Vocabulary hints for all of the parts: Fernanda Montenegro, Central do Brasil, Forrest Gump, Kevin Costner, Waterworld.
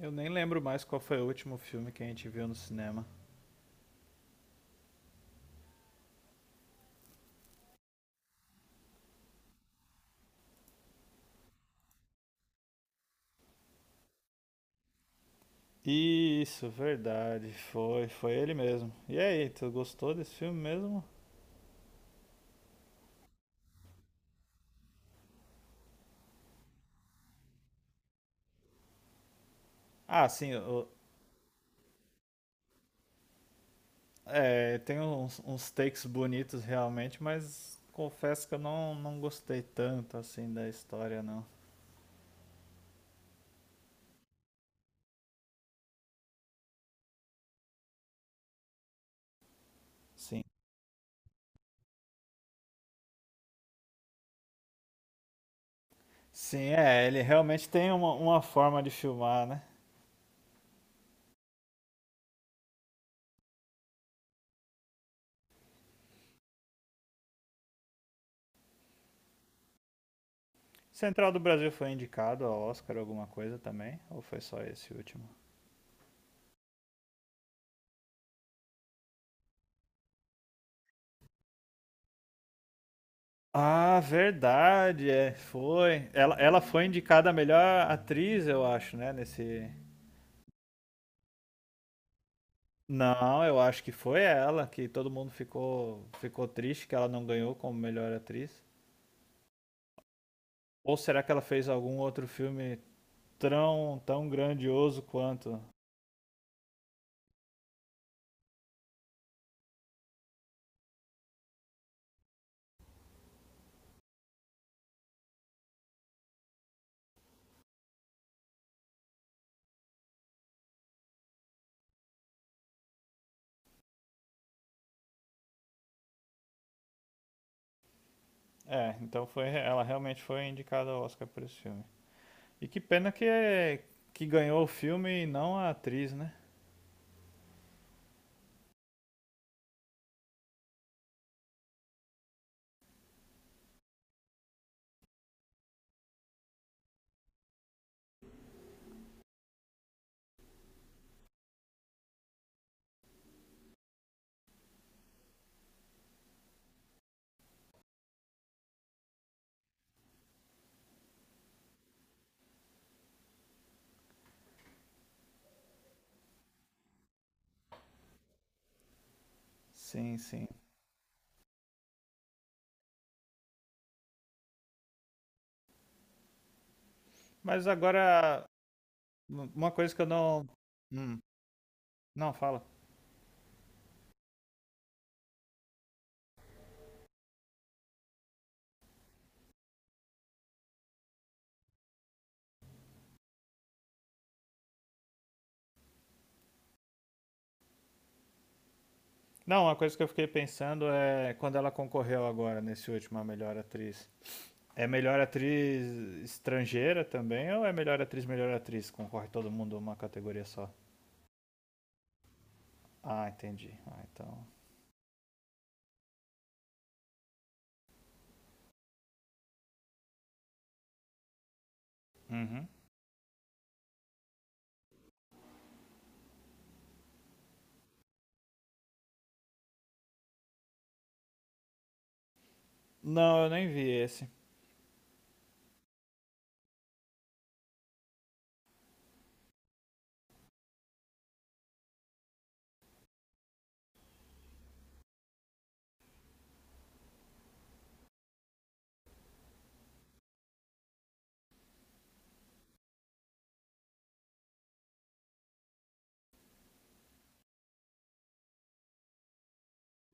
Eu nem lembro mais qual foi o último filme que a gente viu no cinema. Isso, verdade. Foi, foi ele mesmo. E aí, tu gostou desse filme mesmo? Ah, sim, tem uns, uns takes bonitos realmente, mas confesso que eu não gostei tanto assim da história, não. Sim. Sim, é, ele realmente tem uma forma de filmar, né? Central do Brasil foi indicado ao Oscar alguma coisa também? Ou foi só esse último? Ah, verdade, é, foi. Ela foi indicada a melhor atriz, eu acho, né, nesse... Não, eu acho que foi ela, que todo mundo ficou triste que ela não ganhou como melhor atriz. Ou será que ela fez algum outro filme tão grandioso quanto? É, então foi, ela realmente foi indicada ao Oscar por esse filme. E que pena que, é, que ganhou o filme e não a atriz, né? Sim, sim. Mas agora, uma coisa que eu não... Hum, não, fala. Não, uma coisa que eu fiquei pensando é quando ela concorreu agora nesse último a melhor atriz. É melhor atriz estrangeira também ou é melhor atriz, melhor atriz? Concorre todo mundo uma categoria só. Ah, entendi. Ah, então. Uhum. Não, eu nem vi esse.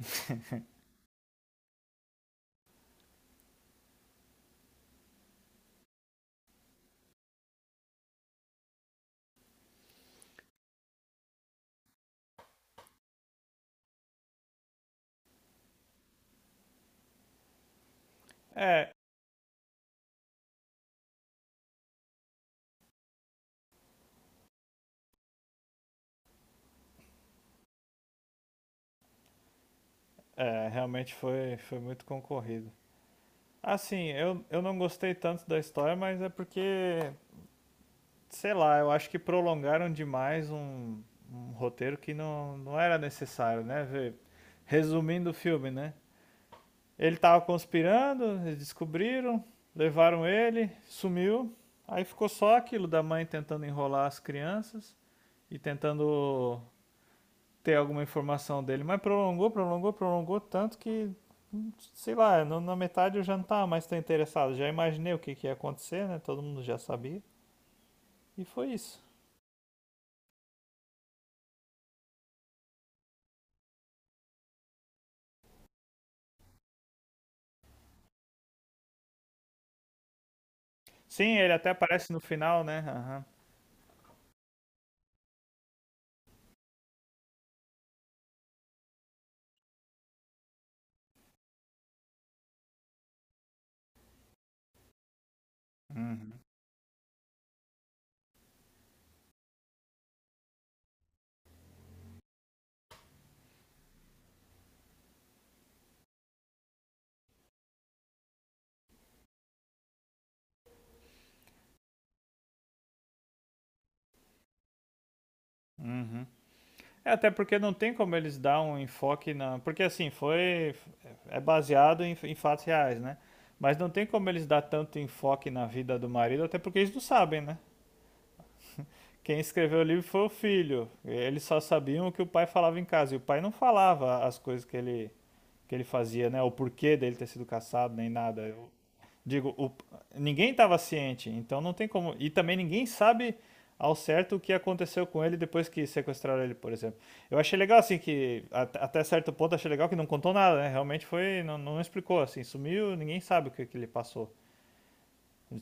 É, é, realmente foi, foi muito concorrido. Assim, eu não gostei tanto da história, mas é porque sei lá, eu acho que prolongaram demais um, um roteiro que não era necessário, né? Vê, resumindo o filme, né? Ele tava conspirando, eles descobriram, levaram ele, sumiu. Aí ficou só aquilo da mãe tentando enrolar as crianças e tentando ter alguma informação dele. Mas prolongou, prolongou, prolongou tanto que, sei lá, na metade eu já não estava mais tão interessado. Já imaginei o que ia acontecer, né? Todo mundo já sabia. E foi isso. Sim, ele até aparece no final, né? Aham. Uhum. Uhum. É, até porque não tem como eles dar um enfoque na. Porque assim, foi. É baseado em, em fatos reais, né? Mas não tem como eles dar tanto enfoque na vida do marido, até porque eles não sabem, né? Quem escreveu o livro foi o filho. Eles só sabiam o que o pai falava em casa. E o pai não falava as coisas que que ele fazia, né? O porquê dele ter sido caçado, nem nada. Eu digo, o- ninguém estava ciente, então não tem como. E também ninguém sabe ao certo o que aconteceu com ele depois que sequestraram ele, por exemplo. Eu achei legal, assim, que até certo ponto achei legal que não contou nada, né? Realmente foi, não explicou, assim, sumiu, ninguém sabe o que ele passou.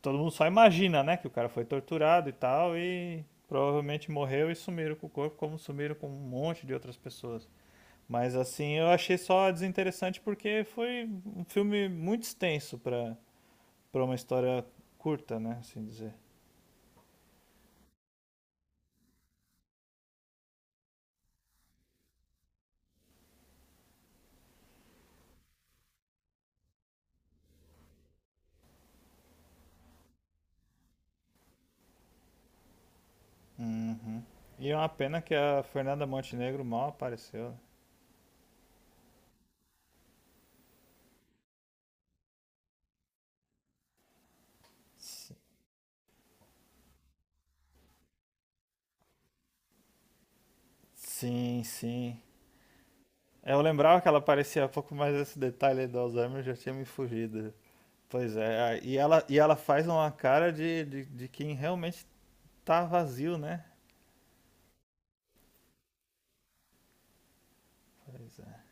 Todo mundo só imagina, né? Que o cara foi torturado e tal, e provavelmente morreu e sumiram com o corpo, como sumiram com um monte de outras pessoas. Mas assim, eu achei só desinteressante porque foi um filme muito extenso pra para uma história curta, né? Assim dizer. Uhum. E é uma pena que a Fernanda Montenegro mal apareceu, né? Si- Sim, sim. Eu lembrava que ela aparecia há pouco mais esse detalhe aí do Alzheimer já tinha me fugido. Pois é, e e ela faz uma cara de quem realmente tá vazio, né? Pois é.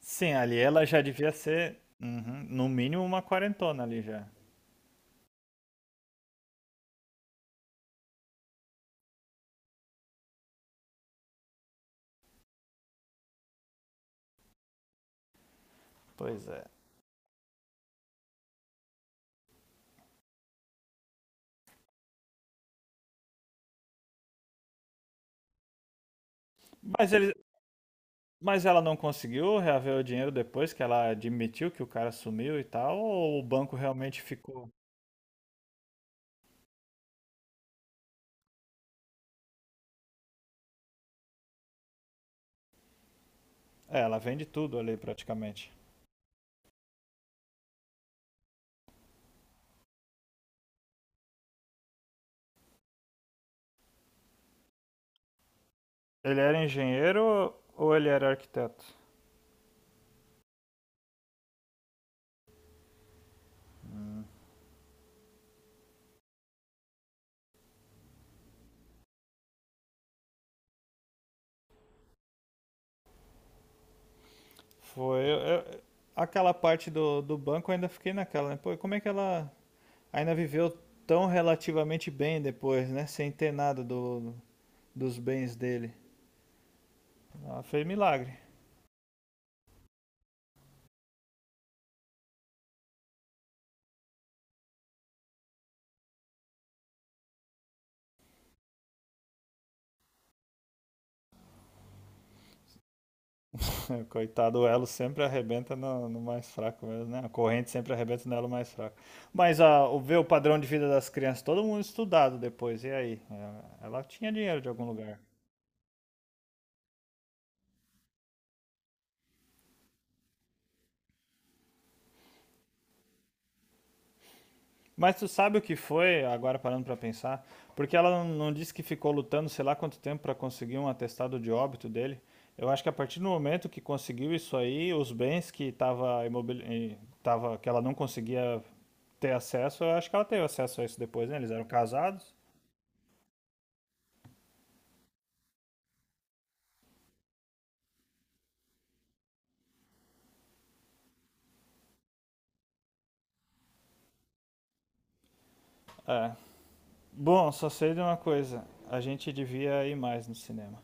Sim, ali ela já devia ser, uhum, no mínimo, uma quarentona ali já. Pois é. Mas, ele, mas ela não conseguiu reaver o dinheiro depois que ela admitiu que o cara sumiu e tal, ou o banco realmente ficou? É, ela vende tudo ali praticamente. Ele era engenheiro ou ele era arquiteto? Foi. Aquela parte do banco eu ainda fiquei naquela, né? Pô, como é que ela ainda viveu tão relativamente bem depois, né? Sem ter nada dos bens dele. Ela fez milagre. Coitado, o elo sempre arrebenta no mais fraco mesmo, né? A corrente sempre arrebenta no elo mais fraco. O ver o padrão de vida das crianças, todo mundo estudado depois, e aí? Ela tinha dinheiro de algum lugar. Mas tu sabe o que foi, agora parando pra pensar? Porque ela não disse que ficou lutando sei lá quanto tempo pra conseguir um atestado de óbito dele. Eu acho que a partir do momento que conseguiu isso aí, os bens que tava que ela não conseguia ter acesso, eu acho que ela teve acesso a isso depois, né? Eles eram casados. É. Bom, só sei de uma coisa. A gente devia ir mais no cinema.